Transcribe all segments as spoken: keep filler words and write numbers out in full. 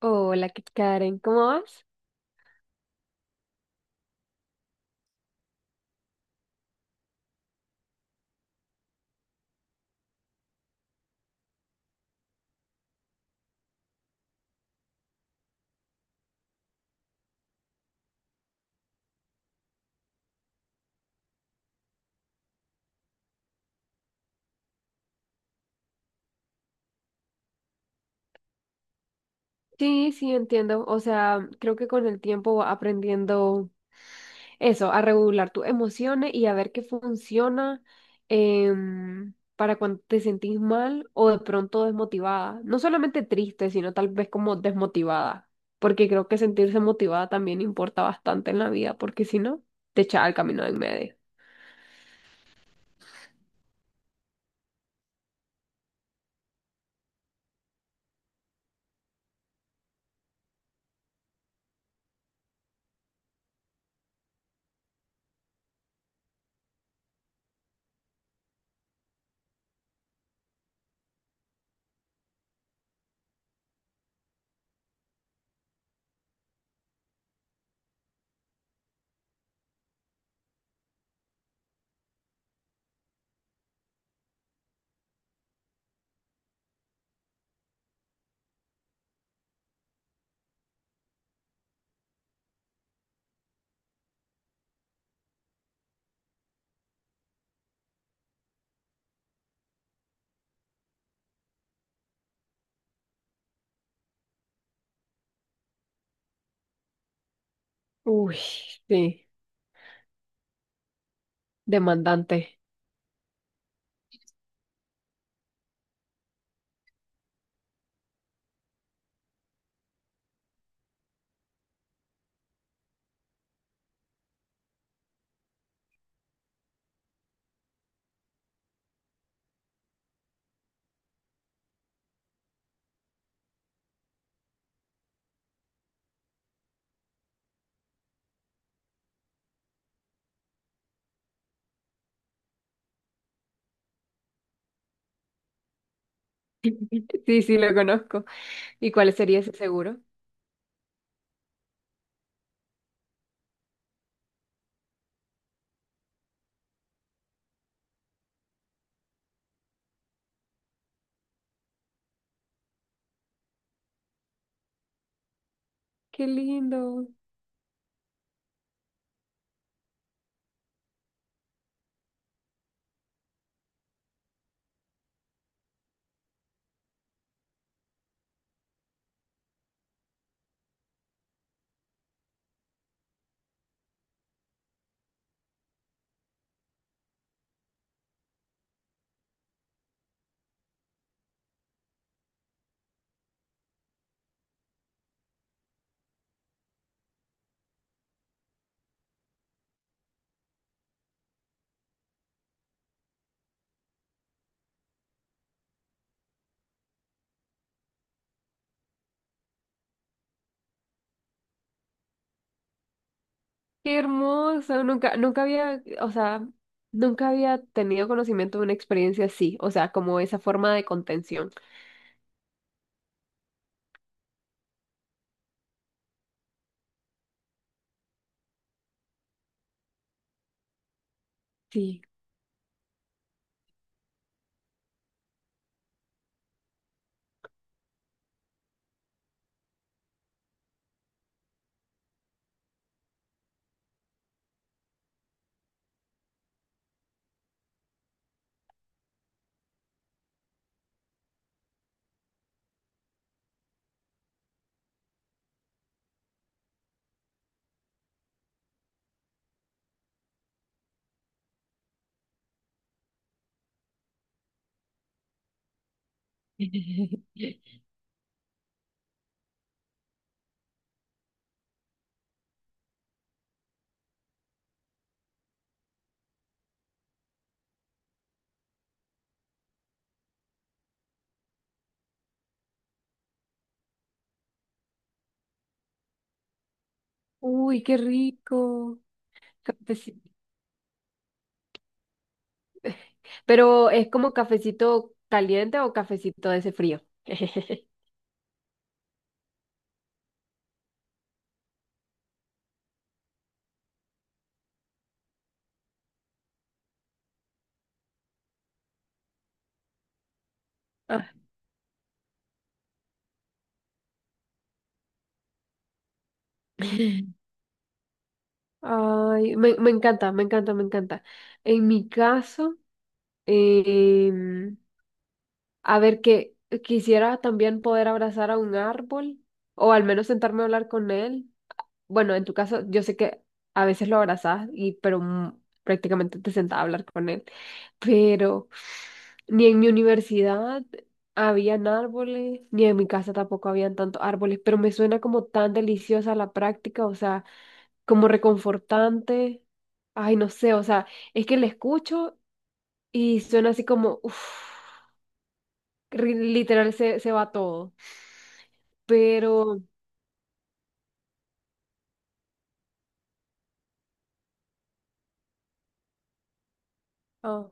Hola, Kit Karen, ¿cómo vas? Sí, sí, entiendo. O sea, creo que con el tiempo va aprendiendo eso, a regular tus emociones y a ver qué funciona em, para cuando te sentís mal o de pronto desmotivada. No solamente triste, sino tal vez como desmotivada, porque creo que sentirse motivada también importa bastante en la vida, porque si no, te echa al camino de en medio. Uy, sí, demandante. Sí, sí, lo conozco. ¿Y cuál sería ese seguro? Qué lindo. Qué hermoso, nunca, nunca había, o sea, nunca había tenido conocimiento de una experiencia así, o sea, como esa forma de contención. Sí. Uy, qué rico. Cafeci- Pero es como cafecito caliente o cafecito de ese frío. Ah. Ay, me, me encanta, me encanta, me encanta. En mi caso, em, a ver, que quisiera también poder abrazar a un árbol o al menos sentarme a hablar con él. Bueno, en tu caso, yo sé que a veces lo abrazás y, pero mm, prácticamente te sentás a hablar con él. Pero ni en mi universidad habían árboles, ni en mi casa tampoco habían tantos árboles, pero me suena como tan deliciosa la práctica, o sea, como reconfortante. Ay, no sé, o sea, es que le escucho y suena así como, uff, literal se, se va todo. Pero, ah,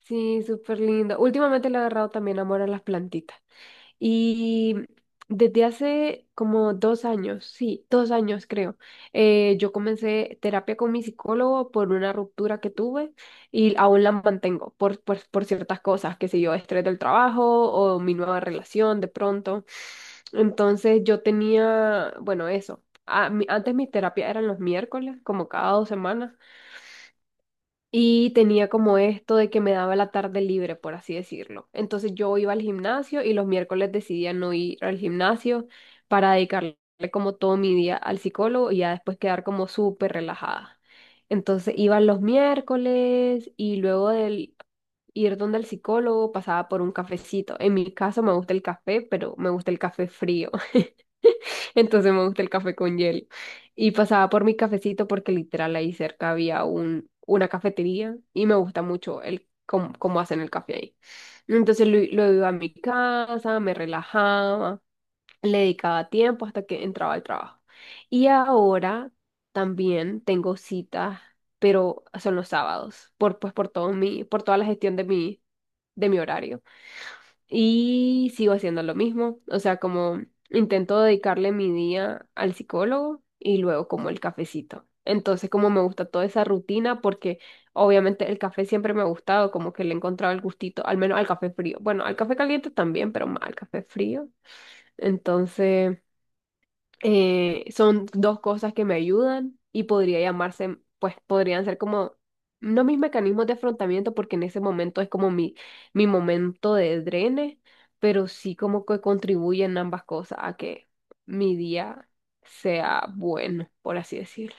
sí, súper lindo. Últimamente le he agarrado también amor a las plantitas. Y desde hace como dos años, sí, dos años creo, eh, yo comencé terapia con mi psicólogo por una ruptura que tuve y aún la mantengo por, por, por ciertas cosas, que sé yo, estrés del trabajo o mi nueva relación de pronto. Entonces yo tenía, bueno, eso. A- mi- antes mis terapias eran los miércoles, como cada dos semanas. Y tenía como esto de que me daba la tarde libre, por así decirlo. Entonces yo iba al gimnasio y los miércoles decidía no ir al gimnasio para dedicarle como todo mi día al psicólogo y ya después quedar como súper relajada. Entonces iba los miércoles y luego del ir donde el psicólogo pasaba por un cafecito. En mi caso me gusta el café, pero me gusta el café frío. Entonces me gusta el café con hielo. Y pasaba por mi cafecito porque literal ahí cerca había un, una cafetería y me gusta mucho el cómo, cómo hacen el café ahí. Entonces lo, lo iba a mi casa, me relajaba, le dedicaba tiempo hasta que entraba al trabajo. Y ahora también tengo citas, pero son los sábados, por, pues por todo mi, por toda la gestión de mi, de mi horario. Y sigo haciendo lo mismo, o sea, como intento dedicarle mi día al psicólogo y luego como el cafecito. Entonces, como me gusta toda esa rutina, porque obviamente el café siempre me ha gustado, como que le he encontrado el gustito, al menos al café frío. Bueno, al café caliente también, pero más al café frío. Entonces, eh, son dos cosas que me ayudan y podría llamarse, pues podrían ser como, no mis mecanismos de afrontamiento, porque en ese momento es como mi, mi momento de drene, pero sí como que contribuyen ambas cosas a que mi día sea bueno, por así decirlo.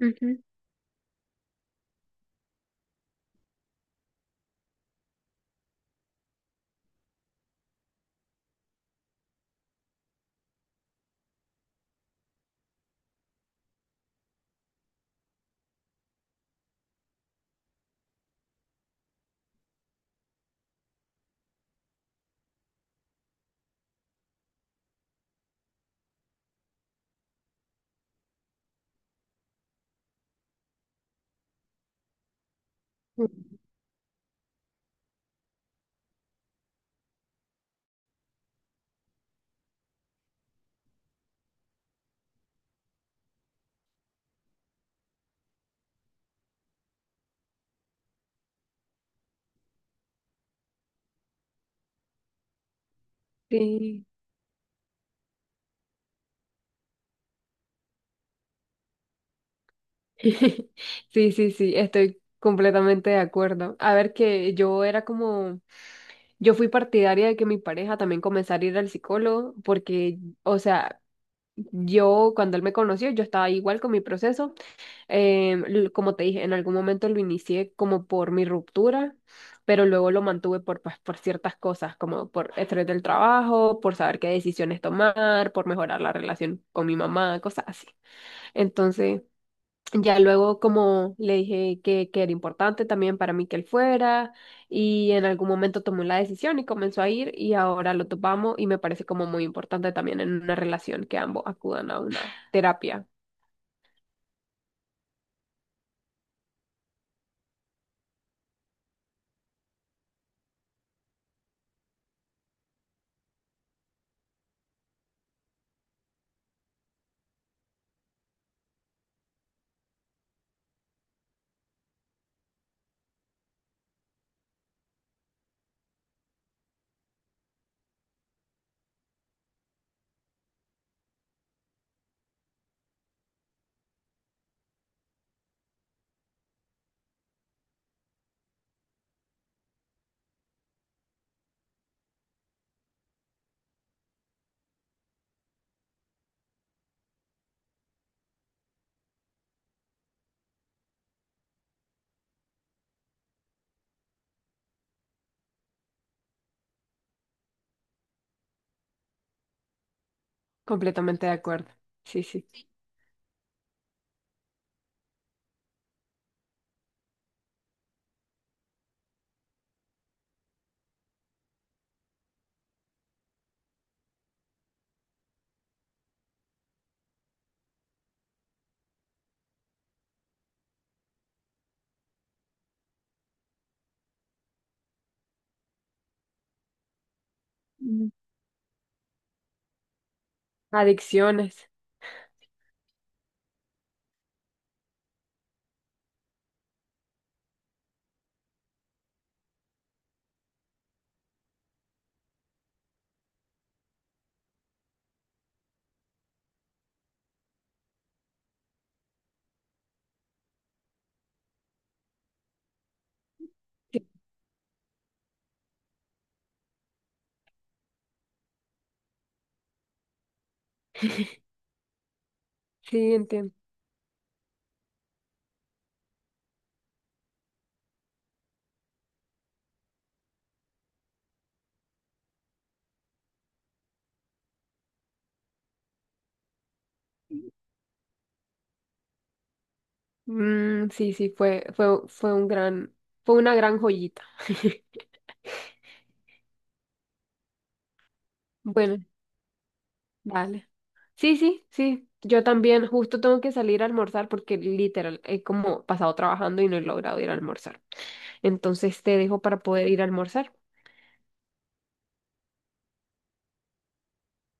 Ujú. Sí. Sí, sí, sí, estoy completamente de acuerdo. A ver que yo era como... Yo fui partidaria de que mi pareja también comenzara a ir al psicólogo porque, o sea, yo cuando él me conoció, yo estaba igual con mi proceso. Eh, l- como te dije, en algún momento lo inicié como por mi ruptura, pero luego lo mantuve por, pues, por ciertas cosas, como por estrés del trabajo, por saber qué decisiones tomar, por mejorar la relación con mi mamá, cosas así. Entonces... Ya luego como le dije que, que era importante también para mí que él fuera y en algún momento tomó la decisión y comenzó a ir y ahora lo topamos y me parece como muy importante también en una relación que ambos acudan a una terapia. Completamente de acuerdo. Sí, sí. Mm. Adicciones. Sí, sí, entiendo. Mm, sí, sí, fue, fue, fue un gran, fue una gran joyita. Bueno. Vale. Sí, sí, sí. Yo también justo tengo que salir a almorzar porque literal he como pasado trabajando y no he logrado ir a almorzar. Entonces te dejo para poder ir a almorzar.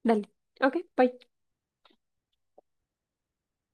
Dale. Ok, bye.